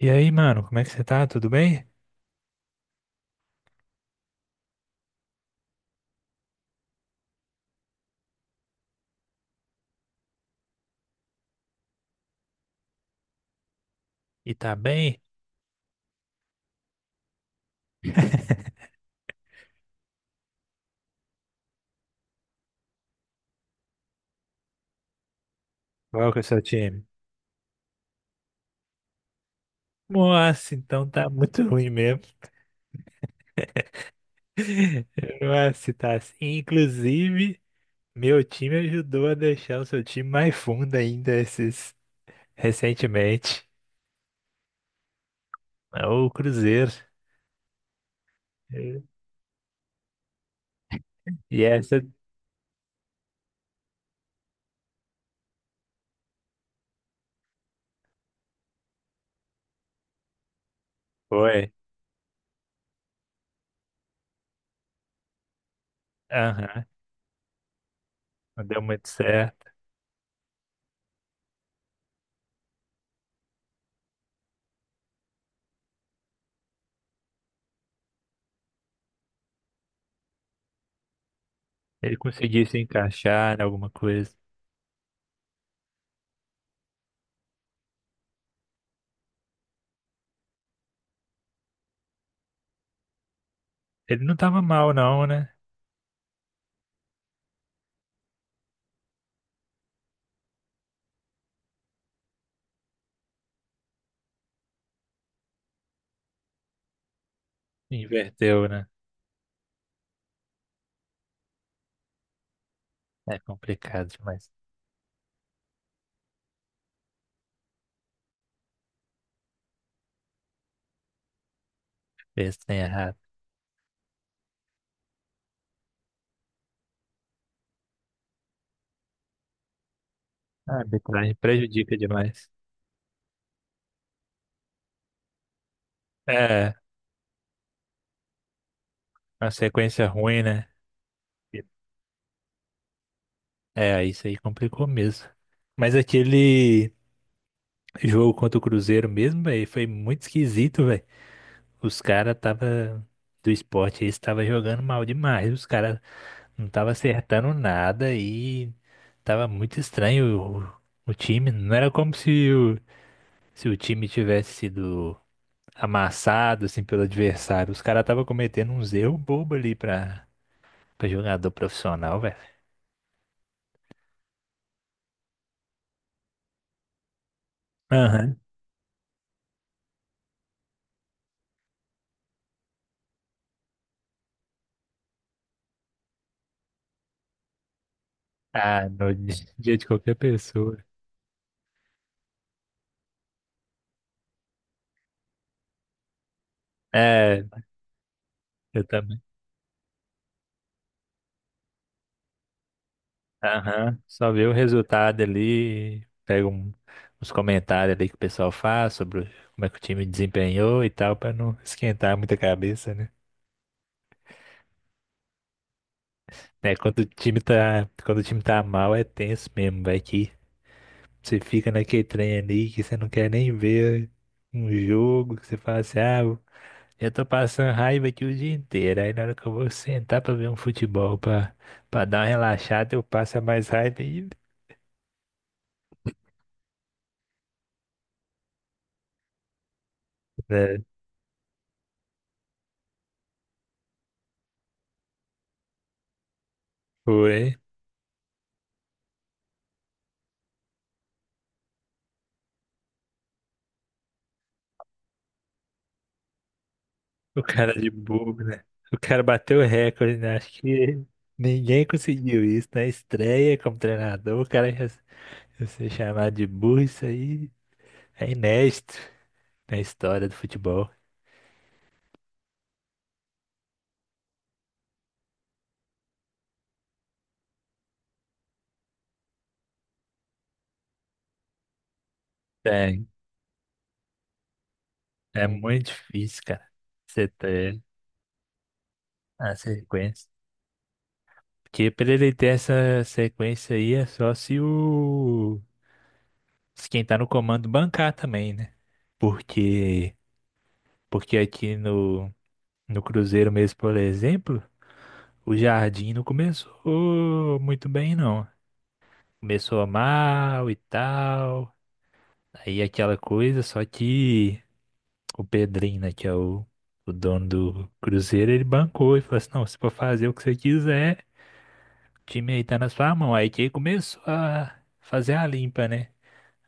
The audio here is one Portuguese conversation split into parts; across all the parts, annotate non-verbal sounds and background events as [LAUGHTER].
E aí, mano, como é que você tá? Tudo bem? E tá bem? [LAUGHS] Qual que é o seu time? Nossa, então tá muito ruim mesmo. [LAUGHS] Nossa, tá assim. Inclusive, meu time ajudou a deixar o seu time mais fundo ainda esses recentemente. É o Cruzeiro. E essa foi. Aham, não deu muito certo. Ele conseguiu se encaixar em alguma coisa. Ele não tava mal, não, né? Inverteu, né? É complicado demais. Pensa em errado. A arbitragem prejudica demais. É, a sequência ruim, né? É, isso aí complicou mesmo. Mas aquele jogo contra o Cruzeiro mesmo, velho, foi muito esquisito, velho. Os caras tava do esporte, eles tava jogando mal demais. Os caras não tava acertando nada e tava muito estranho o time. Não era como se se o time tivesse sido amassado assim pelo adversário. Os caras tava cometendo uns erros bobos ali pra pra jogador profissional, velho. Aham. Ah, no dia de qualquer pessoa. É, eu também. Aham. Só vê o resultado ali, pega um- uns comentários ali que o pessoal faz sobre o- como é que o time desempenhou e tal, pra não esquentar muita cabeça, né? É, quando o time tá mal é tenso mesmo, vai que você fica naquele trem ali que você não quer nem ver um jogo, que você fala assim, ah, eu tô passando raiva aqui o dia inteiro. Aí na hora que eu vou sentar pra ver um futebol, pra, pra dar uma relaxada, eu passo a mais raiva ainda. É, foi. O cara de bobo, né? O cara bateu o recorde, né? Acho que ninguém conseguiu isso na estreia como treinador. O cara já ser chamado de burro, isso aí é inédito na história do futebol. É, é muito difícil, cara. Você ter a sequência. Porque pra ele ter essa sequência aí é só se o. Se quem tá no comando bancar também, né? Porque. Porque aqui no Cruzeiro mesmo, por exemplo, o Jardim não começou muito bem, não. Começou mal e tal. Aí aquela coisa, só que o Pedrinho, né, que é o dono do Cruzeiro, ele bancou e falou assim: não, se for fazer o que você quiser, o time aí tá na sua mão. Aí que ele começou a fazer a limpa, né?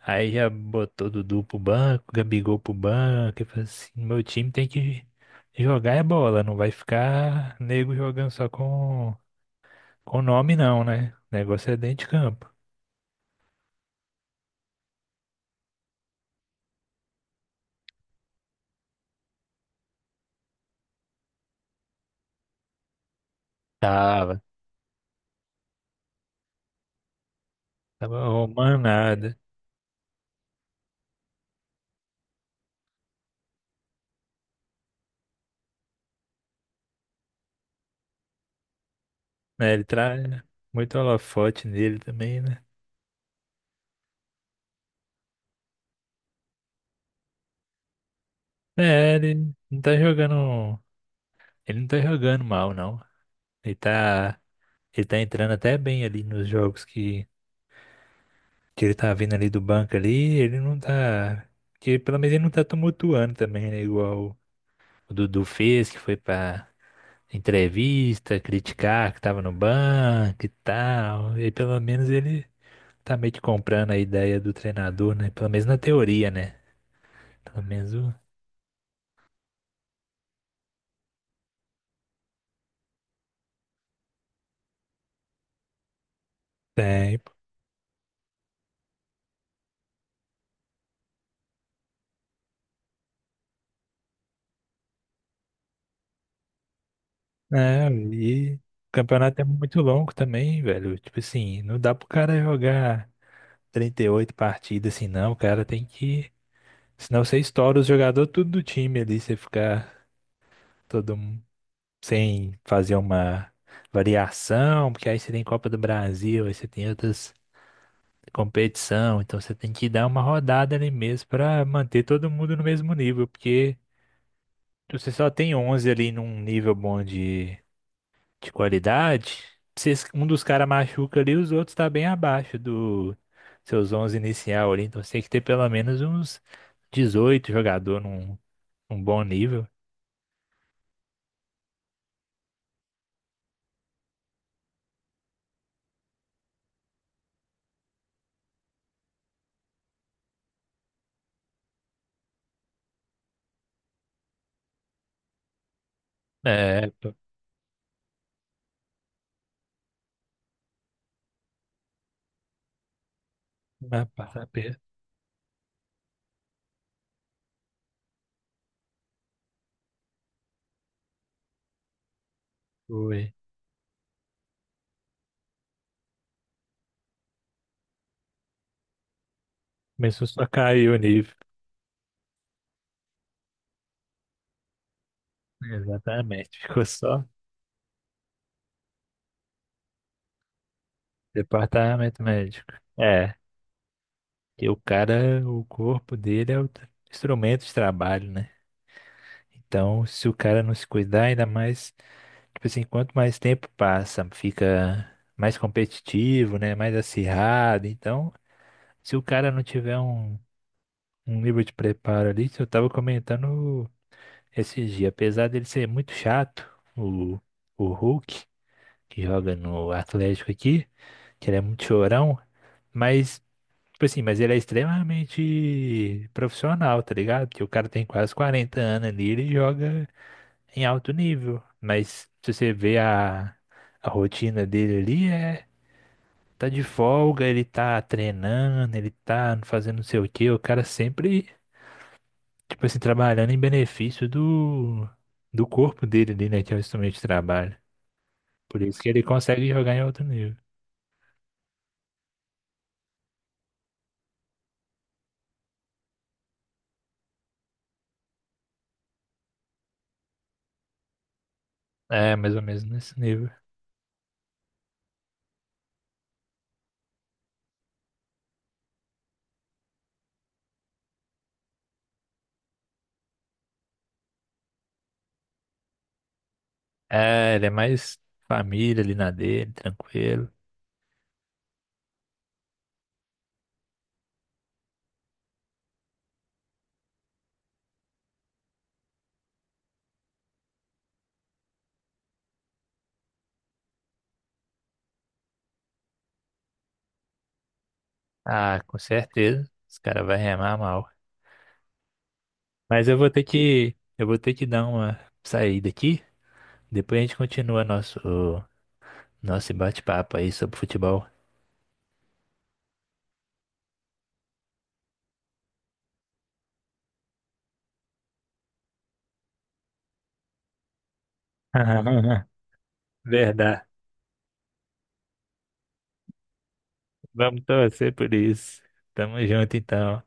Aí já botou Dudu pro banco, Gabigol pro banco, e falou assim, meu time tem que jogar é bola, não vai ficar nego jogando só com nome não, né? O negócio é dentro de campo. Tava, tava arrumando nada, né? Ele traz muito holofote nele também, né? É, não tá jogando, ele não tá jogando mal, não. Ele tá, ele tá entrando até bem ali nos jogos que ele tá vindo ali do banco ali, ele não tá. Que pelo menos ele não tá tumultuando também, né? Igual o Dudu fez, que foi pra entrevista, criticar que tava no banco e tal. E pelo menos ele tá meio que comprando a ideia do treinador, né? Pelo menos na teoria, né? Pelo menos o tempo. É, e o campeonato é muito longo também, velho. Tipo assim, não dá pro cara jogar 38 partidas assim, não. O cara tem que senão você estoura os jogadores tudo do time ali, você fica todo mundo sem fazer uma variação, porque aí você tem Copa do Brasil, aí você tem outras competição, então você tem que dar uma rodada ali mesmo pra manter todo mundo no mesmo nível, porque se você só tem 11 ali num nível bom de qualidade, se es- um dos caras machuca ali, os outros tá bem abaixo do seus 11 inicial ali, então você tem que ter pelo menos uns 18 jogador num bom nível. É, p- mas passar perto. Foi. Começou só a cair o nível. Exatamente. Ficou só departamento médico. É, que o cara, o corpo dele é o tra- instrumento de trabalho, né? Então, se o cara não se cuidar, ainda mais, tipo assim, quanto mais tempo passa, fica mais competitivo, né? Mais acirrado. Então, se o cara não tiver um nível de preparo ali, eu tava comentando. Esses dias, apesar dele ser muito chato, o, o Hulk, que joga no Atlético aqui, que ele é muito chorão, mas, tipo assim, mas ele é extremamente profissional, tá ligado? Porque o cara tem quase 40 anos ali, ele joga em alto nível, mas se você vê a rotina dele ali, é, tá de folga, ele tá treinando, ele tá fazendo não sei o quê, o cara sempre tipo assim, trabalhando em benefício do corpo dele ali, né? Que é o instrumento de trabalho. Por isso que ele consegue jogar em outro nível. É, mais ou menos nesse nível. É, ele é mais família ali na dele, tranquilo. Ah, com certeza. Os caras vão remar mal. Mas eu vou ter que dar uma saída aqui. Depois a gente continua nosso bate-papo aí sobre futebol. [LAUGHS] Verdade. Vamos torcer por isso. Tamo junto então.